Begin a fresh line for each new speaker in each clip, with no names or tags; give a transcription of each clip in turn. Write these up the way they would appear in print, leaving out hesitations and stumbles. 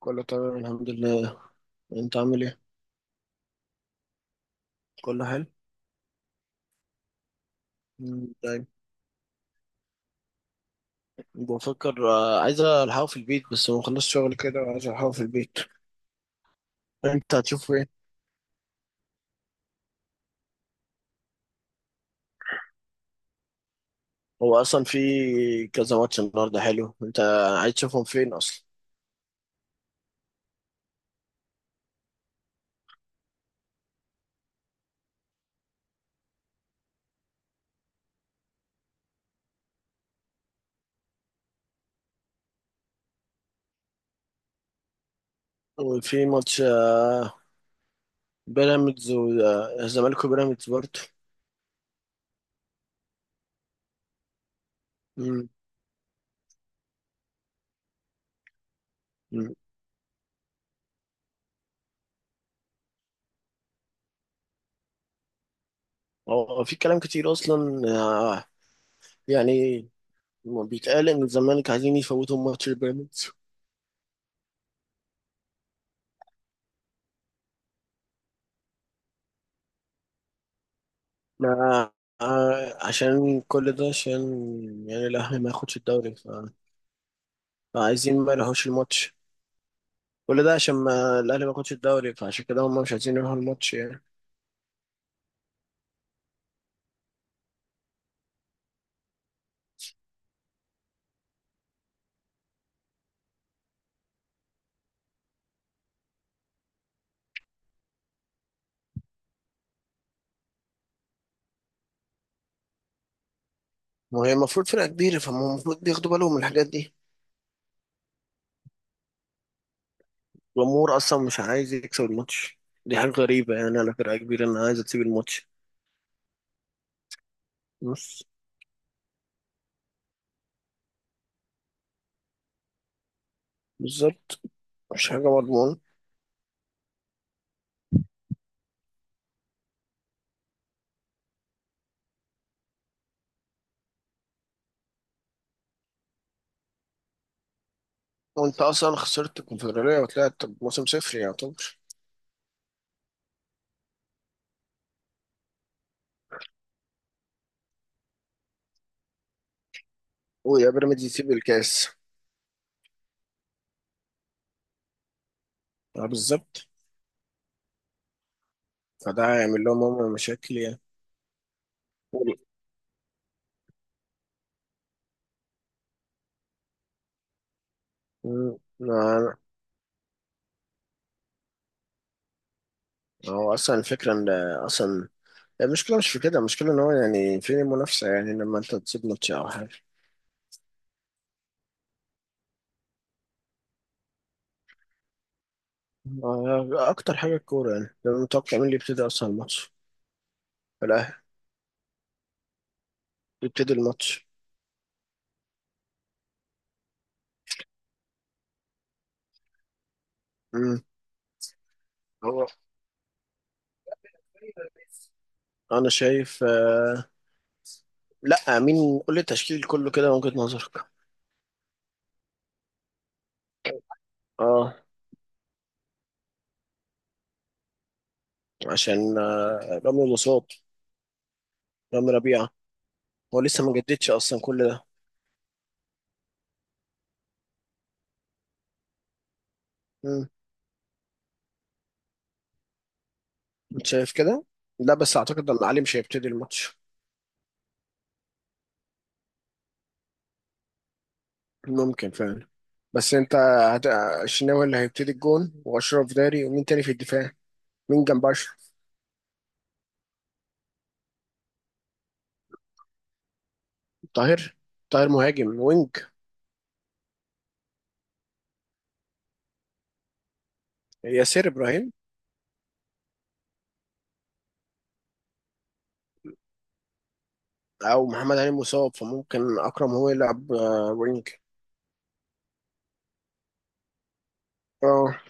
كله تمام، الحمد لله. انت عامل ايه؟ كله حلو. دايما بفكر، عايز الحقه في البيت، بس ما خلصت شغل كده وعايز الحقه في البيت. انت هتشوف ايه؟ هو اصلا في كذا ماتش النهارده حلو. انت عايز تشوفهم فين اصلا؟ وفي ماتش، بيراميدز والزمالك، وبيراميدز برضه. مم، مم. هو في كلام كتير اصلا، يعني بيتقال ان الزمالك عايزين يفوتوا ماتش البيراميدز. ما عشان كل ده، عشان يعني الاهلي ما ياخدش الدوري فعايزين ما يلهوش الماتش. كل ده عشان ما الاهلي ما ياخدش الدوري، فعشان كده هم مش عايزين يروحوا الماتش يعني. ما هي المفروض فرقة كبيرة، فهم المفروض بياخدوا بالهم من الحاجات دي. الجمهور اصلا مش عايز يكسب الماتش. دي حاجة غريبة يعني، على فرقة كبيرة انها عايزة تسيب الماتش. بص. بالظبط. مش حاجة مضمونة. وانت اصلا خسرت الكونفدرالية وطلعت بموسم صفر يعتبر. ويا بيراميدز يسيب الكاس. بالظبط. فده هيعمل لهم هم مشاكل يعني. يعني- مم. ما هو اصلا الفكره ان اصلا المشكله مش في كده، المشكله ان هو يعني فين المنافسه، يعني لما انت تسيب ماتش او حاجه. اكتر حاجه الكوره، يعني لما متوقع مين اللي يبتدي اصلا الماتش. الاهلي يبتدي الماتش. مم. هو انا شايف، لا، مين قول لي التشكيل كله كده من وجهه نظرك؟ اه. عشان رامي الوسط، رامي ربيعه. هو لسه ما جددش اصلا كل ده. مم. انت شايف كده؟ لا، بس اعتقد ان علي مش هيبتدي الماتش. ممكن فعلا. بس انت هت... الشناوي اللي هيبتدي الجون، واشرف داري، ومين تاني في الدفاع؟ مين جنب اشرف؟ طاهر. طاهر مهاجم وينج. ياسر ابراهيم. او محمد هاني مصاب، فممكن اكرم هو يلعب وينج. اه،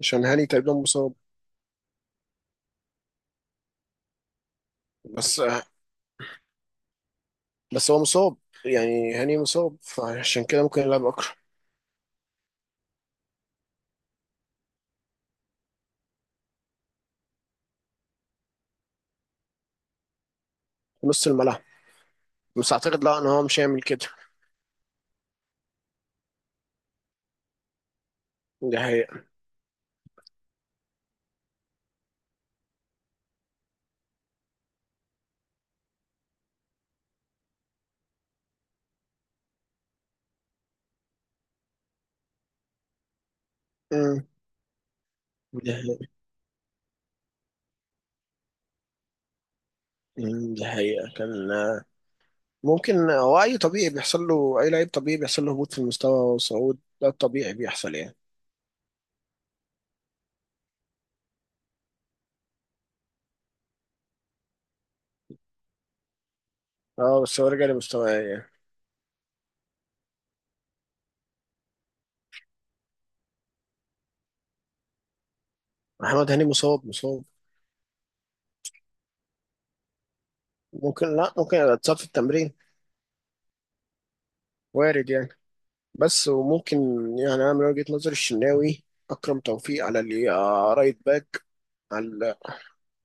عشان هاني تقريبا مصاب. بس آه، بس هو مصاب، يعني هاني مصاب، فعشان كده ممكن يلعب اكرم في نص الملعب. بس اعتقد لا، ان هو مش هيعمل كده. دي حقيقة. مم. دي حقيقة. دي حقيقة. كان آه، ممكن هو اي طبيعي بيحصل له، اي لعيب طبيعي بيحصل له هبوط في المستوى وصعود، ده الطبيعي بيحصل يعني. اه، بس هو رجع لمستواه يعني. محمد هاني مصاب مصاب. ممكن، لا ممكن اتصاب في التمرين، وارد يعني. بس وممكن، يعني انا من وجهة نظري الشناوي، اكرم توفيق على اللي رايت باك، على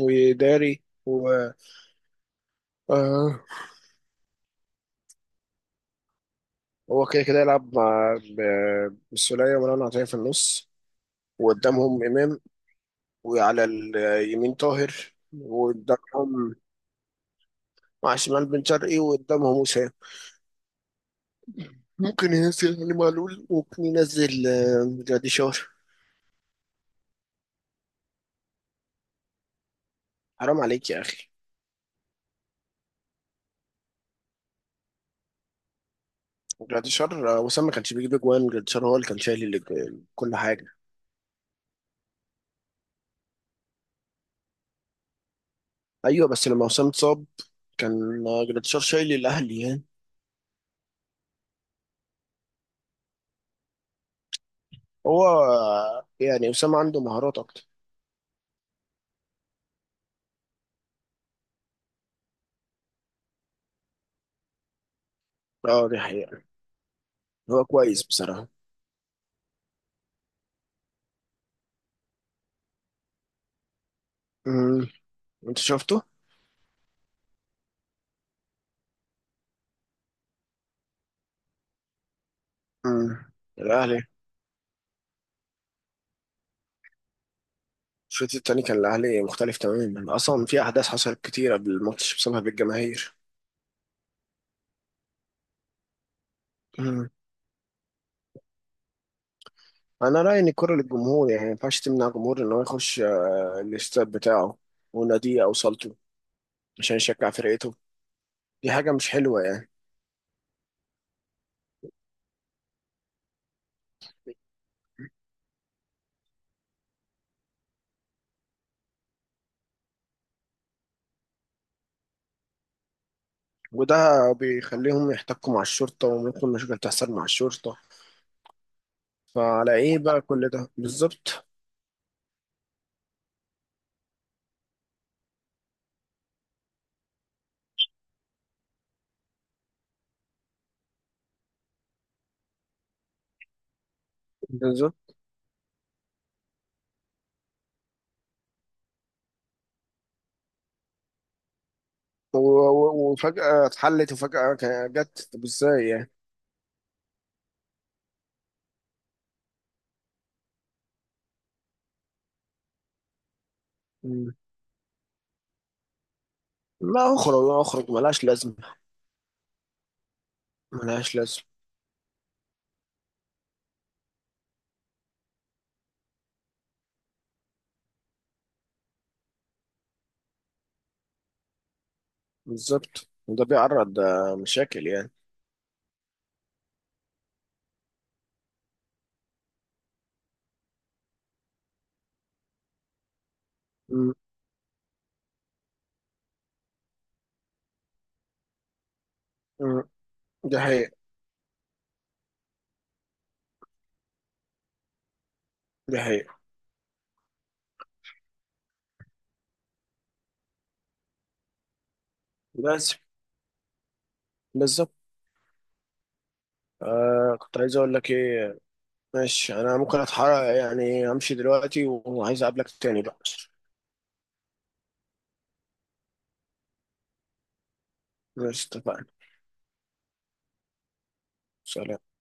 وداري و آه، هو كده كده يلعب مع بالسولية ومروان عطية في النص. وقدامهم امام، وعلى اليمين طاهر، وقدامهم مع شمال بن شرقي، وقدامهم وسام. ممكن ينزل علي معلول، وممكن ينزل جراديشار. حرام عليك يا اخي. جراديشار، وسام ما كانش بيجيب اجوان، جراديشار هو اللي كان شايل كل حاجه. ايوه، بس لما وسام اتصاب كان جراديشار شايل الاهلي يعني. هو يعني وسام عنده مهارات اكتر. اه، دي حقيقه. هو كويس بصراحه. امم. انت شفته؟ امم. الاهلي، الشوط التاني كان الاهلي مختلف تماما، اصلا في احداث حصلت كتير قبل الماتش بسبب الجماهير. انا رايي ان الكره للجمهور، يعني ما ينفعش تمنع جمهور ان هو يخش الاستاد بتاعه وناديه او صالته عشان يشجع فرقته. دي حاجه مش حلوه يعني. وده بيخليهم يحتكوا مع الشرطه، وممكن مشاكل تحصل مع الشرطه. فعلى ايه بقى كل ده؟ بالظبط. بالظبط. و- وفجاه اتحلت، وفجاه جت، طب ازاي يعني؟ مم. لا، اخرج اخرج ملهاش لازمه. ملهاش لازمه. بالظبط، وده بيعرض مشاكل يعني. مم. مم. دي حقيقة. دي حقيقة. بس. بالظبط. كنت عايز اقول لك ايه. ماشي، انا ممكن اتحرك يعني، امشي دلوقتي، وعايز اقابلك تاني بقى. ماشي، اتفقنا. سلام.